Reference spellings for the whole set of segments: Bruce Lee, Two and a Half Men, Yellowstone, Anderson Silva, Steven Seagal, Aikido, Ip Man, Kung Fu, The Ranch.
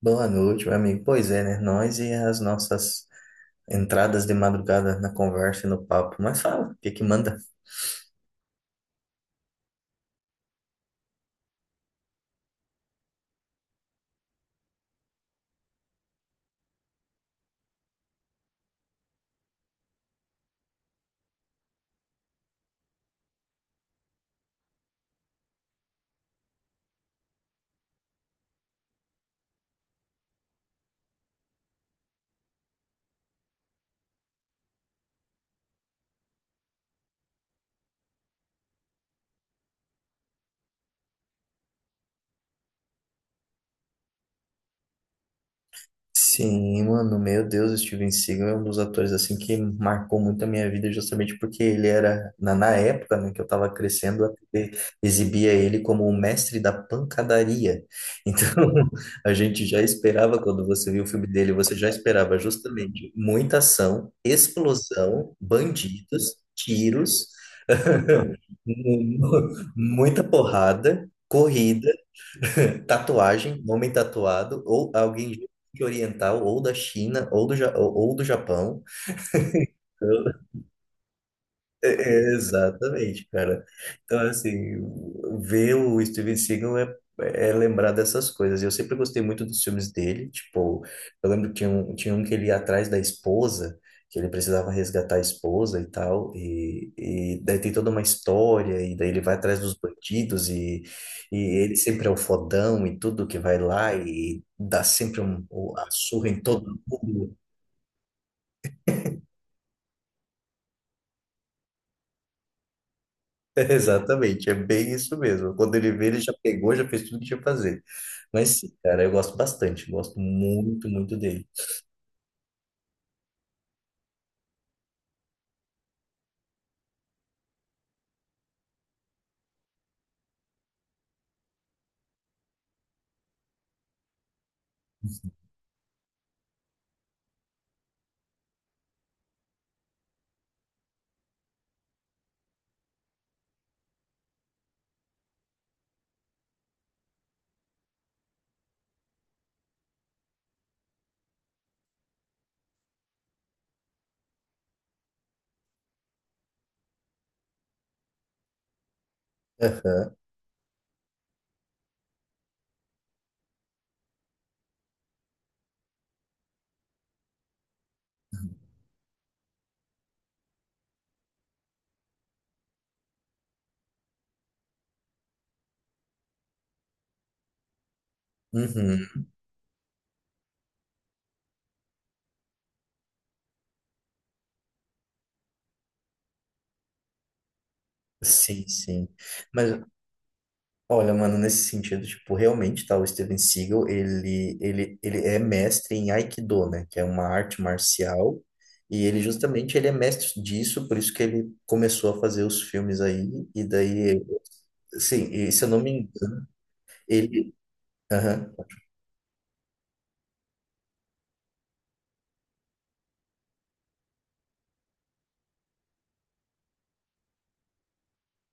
Boa noite, meu amigo. Pois é, né? Nós e as nossas entradas de madrugada na conversa e no papo. Mas fala, o que que manda? Sim, mano, meu Deus, o Steven Seagal é um dos atores assim que marcou muito a minha vida justamente porque ele era, na época, né, que eu tava crescendo, a TV exibia ele como o mestre da pancadaria. Então, a gente já esperava, quando você viu o filme dele, você já esperava justamente muita ação, explosão, bandidos, tiros, Mu- Muita porrada, corrida, tatuagem, homem tatuado, ou alguém de oriental, ou da China, ou do, Ja- ou do Japão. É, exatamente, cara. Então, assim, ver o Steven Seagal é lembrar dessas coisas. Eu sempre gostei muito dos filmes dele. Tipo, eu lembro que tinha um que ele ia atrás da esposa, que ele precisava resgatar a esposa e tal. E daí tem toda uma história, e daí ele vai atrás dos bandidos, e ele sempre é o fodão e tudo que vai lá e dá sempre a surra em todo mundo. Exatamente, é bem isso mesmo. Quando ele vê, ele já pegou, já fez tudo que tinha que fazer. Mas sim, cara, eu gosto bastante, gosto muito, muito dele. Aham. Uhum. Sim, sim. Mas olha, mano, nesse sentido, tipo, realmente, tá, o Steven Seagal, ele é mestre em Aikido, né, que é uma arte marcial, e ele justamente ele é mestre disso, por isso que ele começou a fazer os filmes aí, e daí, sim, e se eu não me engano, ele, aham.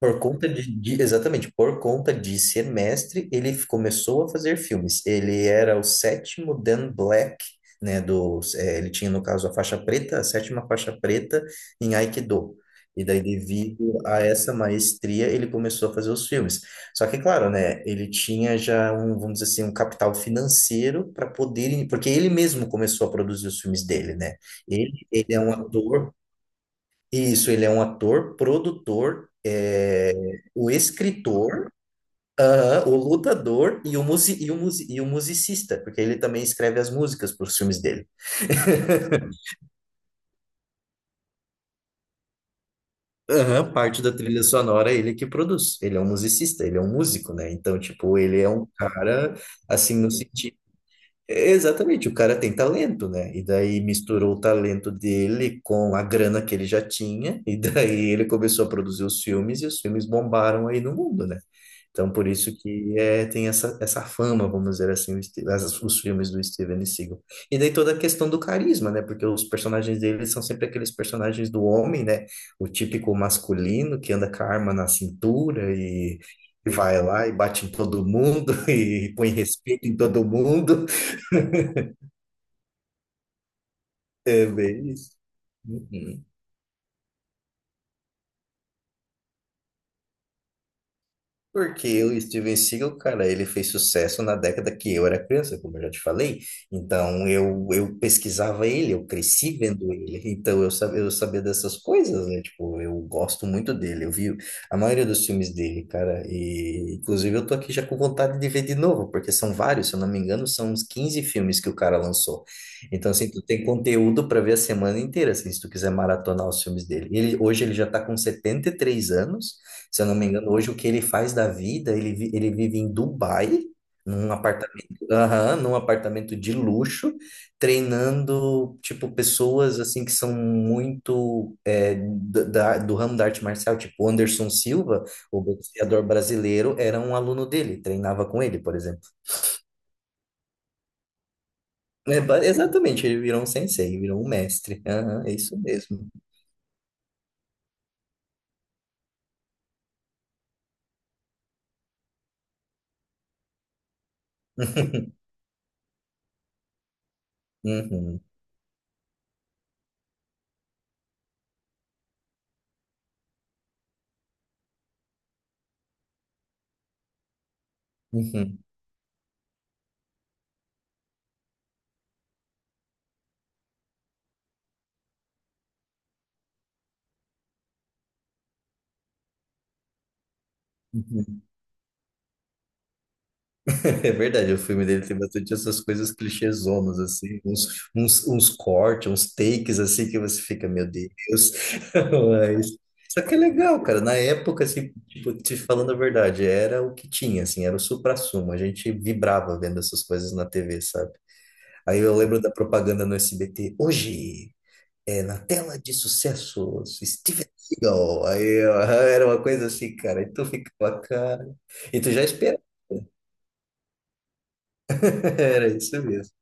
Por conta exatamente, por conta de ser mestre, ele começou a fazer filmes. Ele era o sétimo Dan Black, né, ele tinha, no caso, a faixa preta, a sétima faixa preta em Aikido. E daí, devido a essa maestria, ele começou a fazer os filmes. Só que, claro, né, ele tinha já um, vamos dizer assim, um capital financeiro para poder, porque ele mesmo começou a produzir os filmes dele, né? Ele é um ator, isso, ele é um ator, produtor, é, o escritor, aham, o lutador e o musicista, porque ele também escreve as músicas para os filmes dele. Aham, parte da trilha sonora é ele que produz. Ele é um musicista, ele é um músico, né? Então, tipo, ele é um cara, assim, no sentido. É, exatamente, o cara tem talento, né? E daí misturou o talento dele com a grana que ele já tinha, e daí ele começou a produzir os filmes, e os filmes bombaram aí no mundo, né? Então, por isso que é, tem essa fama, vamos dizer assim, os filmes do Steven Seagal. E daí toda a questão do carisma, né? Porque os personagens dele são sempre aqueles personagens do homem, né? O típico masculino que anda com a arma na cintura e vai lá e bate em todo mundo e põe respeito em todo mundo. É bem isso. Uhum. Porque o Steven Seagal, cara, ele fez sucesso na década que eu era criança, como eu já te falei. Então, eu pesquisava ele, eu cresci vendo ele. Então, eu sabia dessas coisas, né? Tipo, eu gosto muito dele. Eu vi a maioria dos filmes dele, cara. E, inclusive, eu tô aqui já com vontade de ver de novo, porque são vários, se eu não me engano, são uns 15 filmes que o cara lançou. Então, assim, tu tem conteúdo para ver a semana inteira, assim, se tu quiser maratonar os filmes dele. Ele, hoje ele já tá com 73 anos. Se eu não me engano, hoje o que ele faz da vida, ele, ele vive em Dubai, num apartamento, aham, num apartamento de luxo, treinando, tipo, pessoas, assim, que são muito do ramo da arte marcial, tipo, o Anderson Silva, o boxeador brasileiro, era um aluno dele, treinava com ele, por exemplo. É, exatamente, ele virou um sensei, virou um mestre. Aham, é isso mesmo. Uhum, uhum, uhum. É verdade, o filme dele tem bastante essas coisas clichêzonas, assim, uns cortes, uns takes, assim, que você fica, meu Deus. Mas, só que é legal, cara. Na época, assim, tipo, te falando a verdade, era o que tinha, assim, era o suprassumo. A gente vibrava vendo essas coisas na TV, sabe? Aí eu lembro da propaganda no SBT, hoje, na tela de sucesso, Steven Seagal. Aí ó, era uma coisa assim, cara, e tu ficava, cara, e tu já esperava, era isso mesmo.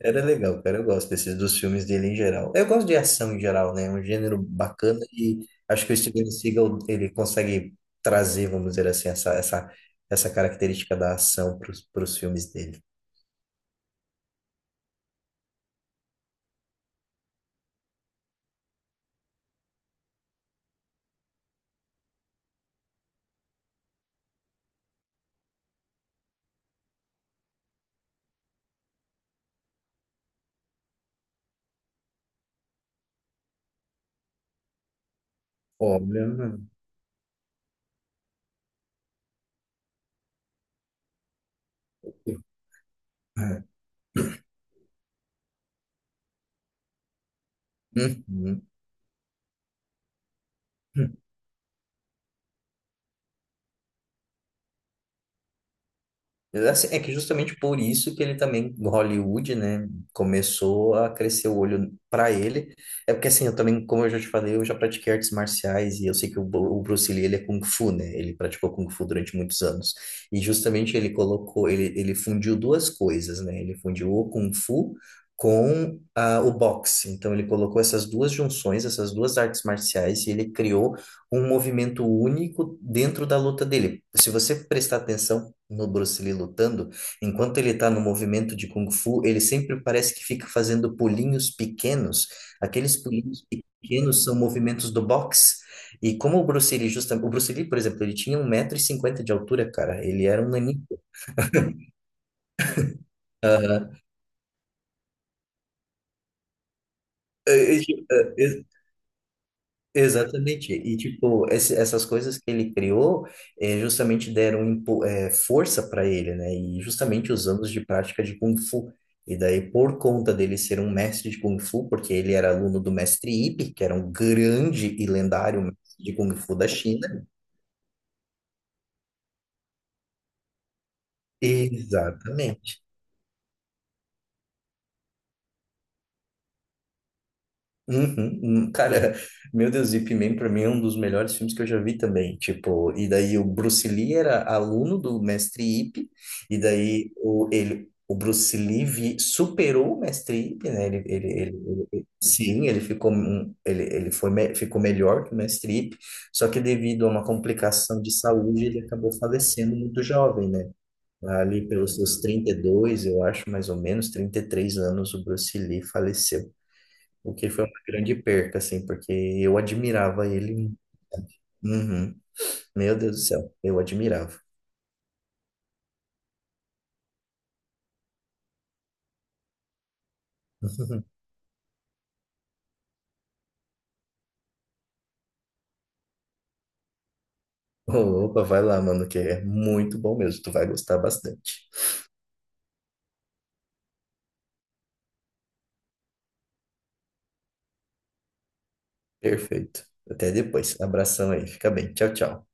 Era legal, cara. Eu gosto desses dos filmes dele em geral. Eu gosto de ação em geral, né? É um gênero bacana e acho que o Steven Seagal ele consegue trazer, vamos dizer assim, essa característica da ação para os filmes dele. Olha, mano. Uhum. Mas, assim, é que justamente por isso que ele também, no Hollywood, né, começou a crescer o olho para ele. É porque, assim, eu também, como eu já te falei, eu já pratiquei artes marciais e eu sei que o o Bruce Lee, ele é Kung Fu, né? Ele praticou Kung Fu durante muitos anos. E justamente ele colocou, ele fundiu duas coisas, né? Ele fundiu o Kung Fu com o boxe. Então, ele colocou essas duas junções, essas duas artes marciais e ele criou um movimento único dentro da luta dele. Se você prestar atenção, no Bruce Lee lutando, enquanto ele tá no movimento de Kung Fu, ele sempre parece que fica fazendo pulinhos pequenos. Aqueles pulinhos pequenos são movimentos do boxe. E como o Bruce Lee, justamente, o Bruce Lee, por exemplo, ele tinha 1,50 m de altura, cara. Ele era um naninho. Aham. Exatamente. E, tipo, essas coisas que ele criou justamente deram força para ele, né? E justamente os anos de prática de Kung Fu. E daí, por conta dele ser um mestre de Kung Fu, porque ele era aluno do mestre Ip, que era um grande e lendário mestre de Kung Fu da China. Exatamente. Uhum, uhum. Cara, meu Deus, Ip Man pra mim é um dos melhores filmes que eu já vi também. Tipo, e daí o Bruce Lee era aluno do mestre Ip, e daí o Bruce Lee superou o mestre Ip, né? Sim, ele ficou, um- ele foi, me- ficou melhor que o mestre Ip, só que devido a uma complicação de saúde, ele acabou falecendo muito jovem, né? Ali pelos seus 32 eu acho, mais ou menos, 33 anos, o Bruce Lee faleceu. O que foi uma grande perca, assim, porque eu admirava ele. Uhum. Meu Deus do céu, eu admirava. Opa, vai lá, mano, que é muito bom mesmo. Tu vai gostar bastante. Perfeito. Até depois. Abração aí. Fica bem. Tchau, tchau.